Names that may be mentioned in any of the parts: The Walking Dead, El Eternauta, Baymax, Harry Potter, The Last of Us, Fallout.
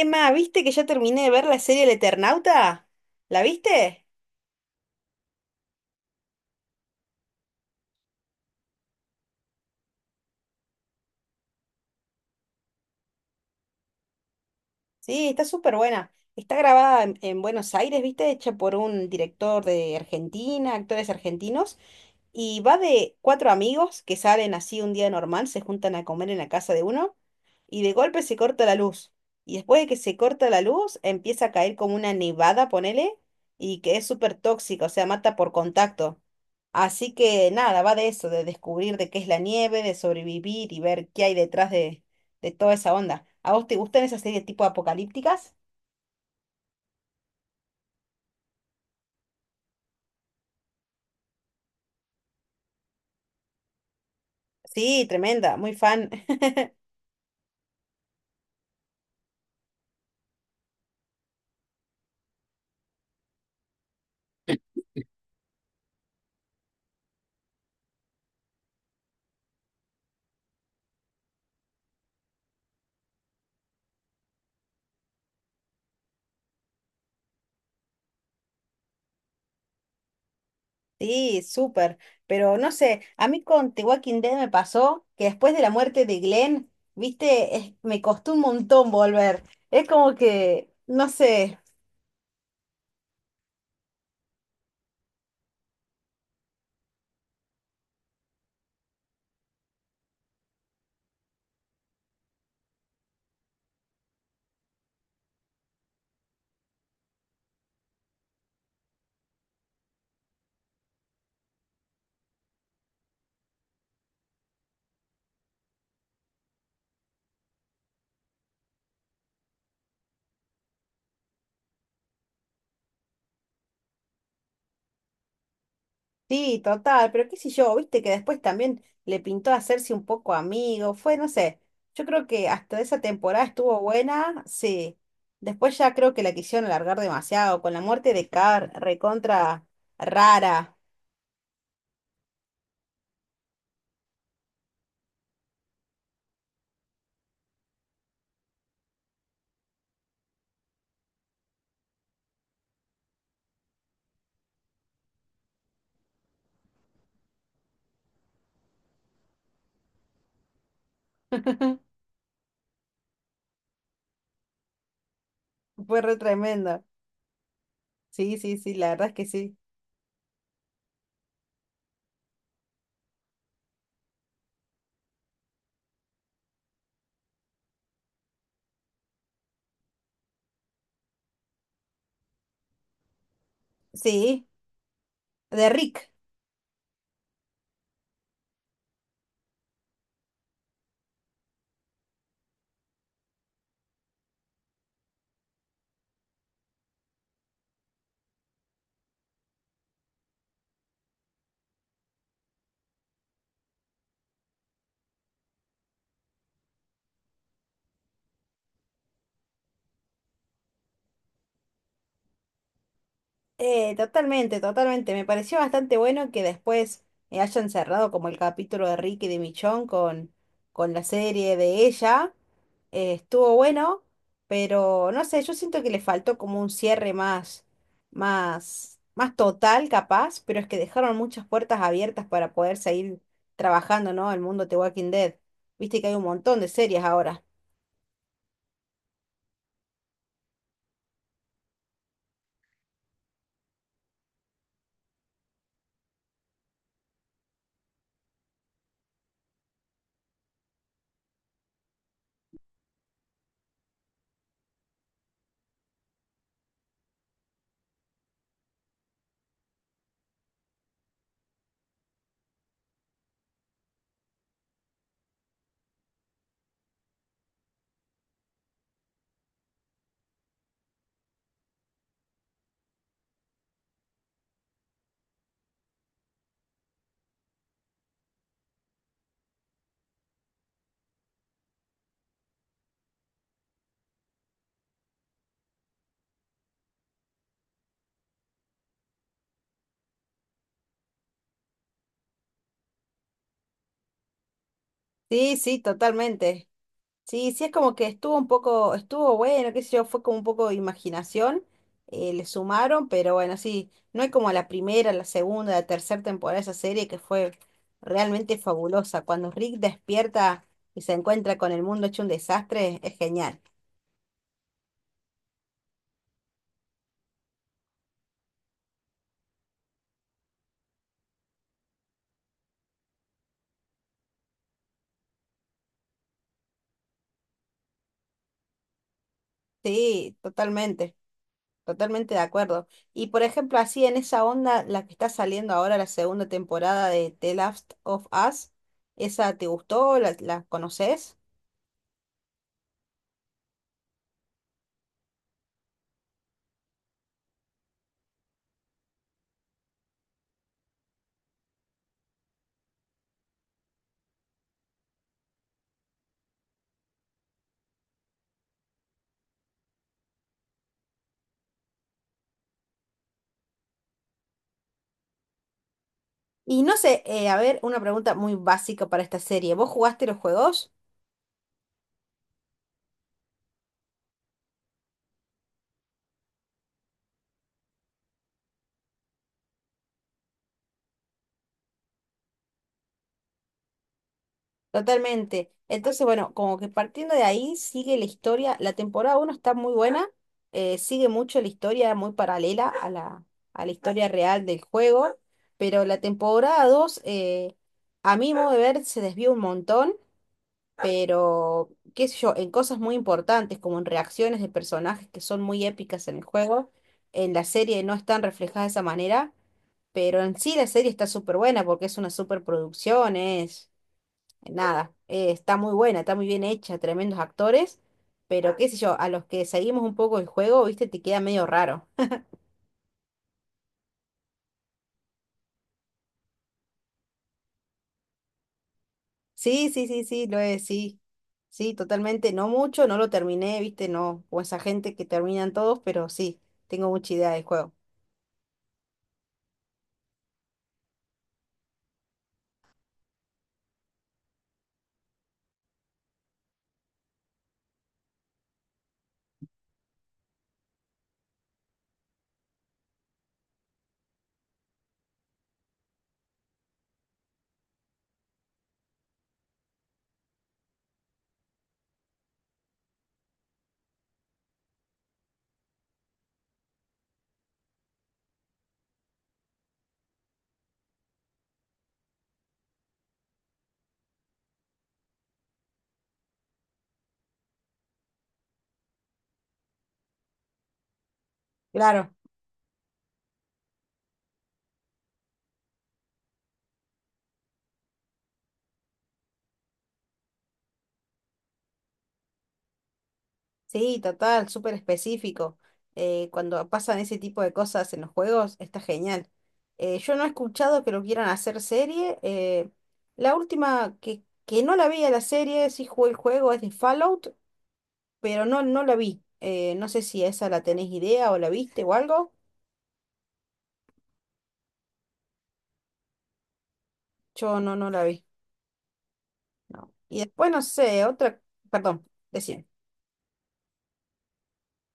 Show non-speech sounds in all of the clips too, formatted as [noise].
Emma, ¿viste que ya terminé de ver la serie El Eternauta? ¿La viste? Sí, está súper buena. Está grabada en Buenos Aires, ¿viste? Hecha por un director de Argentina, actores argentinos. Y va de cuatro amigos que salen así un día normal, se juntan a comer en la casa de uno y de golpe se corta la luz. Y después de que se corta la luz, empieza a caer como una nevada, ponele, y que es súper tóxica, o sea, mata por contacto. Así que nada, va de eso, de descubrir de qué es la nieve, de sobrevivir y ver qué hay detrás de toda esa onda. ¿A vos te gustan esas series tipo apocalípticas? Sí, tremenda, muy fan. Sí, súper. Pero no sé, a mí con The Walking Dead me pasó que después de la muerte de Glenn, viste, me costó un montón volver. Es como que, no sé, sí, total, pero qué sé yo, viste que después también le pintó hacerse un poco amigo, fue, no sé, yo creo que hasta esa temporada estuvo buena, sí. Después ya creo que la quisieron alargar demasiado, con la muerte de Carr, recontra rara. [laughs] Fue re tremendo. Sí, sí, sí, la verdad es que sí. Sí. De Rick, totalmente, totalmente. Me pareció bastante bueno que después hayan cerrado como el capítulo de Rick y de Michonne con la serie de ella. Estuvo bueno, pero no sé, yo siento que le faltó como un cierre más, más, más total, capaz, pero es que dejaron muchas puertas abiertas para poder seguir trabajando, ¿no? El mundo de Walking Dead. Viste que hay un montón de series ahora. Sí, sí, totalmente. Sí, sí, es como que estuvo un poco, estuvo bueno, qué sé yo, fue como un poco de imaginación, le sumaron, pero bueno, sí, no hay como la primera, la segunda, la tercera temporada de esa serie que fue realmente fabulosa. Cuando Rick despierta y se encuentra con el mundo hecho un desastre, es genial. Sí, totalmente, totalmente de acuerdo. Y por ejemplo, así en esa onda, la que está saliendo ahora, la segunda temporada de The Last of Us, ¿esa te gustó? ¿La, la conoces? Y no sé, a ver, una pregunta muy básica para esta serie. ¿Vos jugaste los juegos? Totalmente. Entonces, bueno, como que partiendo de ahí sigue la historia. La temporada uno está muy buena, sigue mucho la historia muy paralela a la historia real del juego, pero la temporada 2 a mi modo de ver, se desvió un montón, pero qué sé yo, en cosas muy importantes, como en reacciones de personajes que son muy épicas en el juego, en la serie no están reflejadas de esa manera. Pero en sí la serie está súper buena porque es una súper producción, es nada, está muy buena, está muy bien hecha, tremendos actores, pero qué sé yo, a los que seguimos un poco el juego, viste, te queda medio raro. [laughs] Sí, sí, sí, sí, lo es, sí. Sí, totalmente, no mucho, no lo terminé, viste, no, o esa gente que terminan todos, pero sí, tengo mucha idea del juego. Claro. Sí, total, súper específico. Cuando pasan ese tipo de cosas en los juegos, está genial. Yo no he escuchado que lo quieran hacer serie. La última que no la vi a la serie, sí jugué el juego, es de Fallout, pero no, no la vi. No sé si esa la tenés idea o la viste o algo. Yo no, no la vi. No. Y después, no sé, otra, perdón, decime.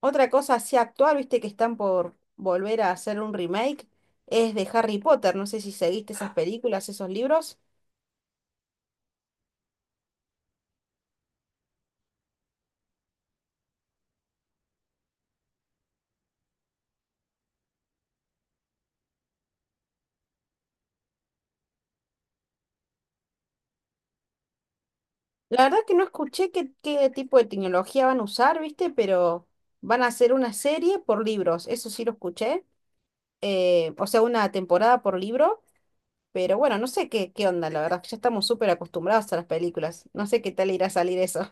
Otra cosa así actual, viste que están por volver a hacer un remake, es de Harry Potter. No sé si seguiste esas películas, esos libros. La verdad que no escuché qué, qué tipo de tecnología van a usar, viste, pero van a hacer una serie por libros. Eso sí lo escuché. O sea, una temporada por libro. Pero bueno, no sé qué, qué onda, la verdad, que ya estamos súper acostumbrados a las películas. No sé qué tal irá a salir eso.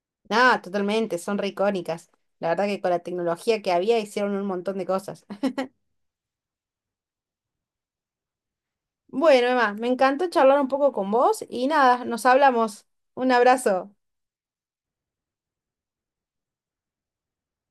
[laughs] Nada, totalmente, son re icónicas. La verdad que con la tecnología que había hicieron un montón de cosas. Bueno, Emma, me encantó charlar un poco con vos y nada, nos hablamos. Un abrazo.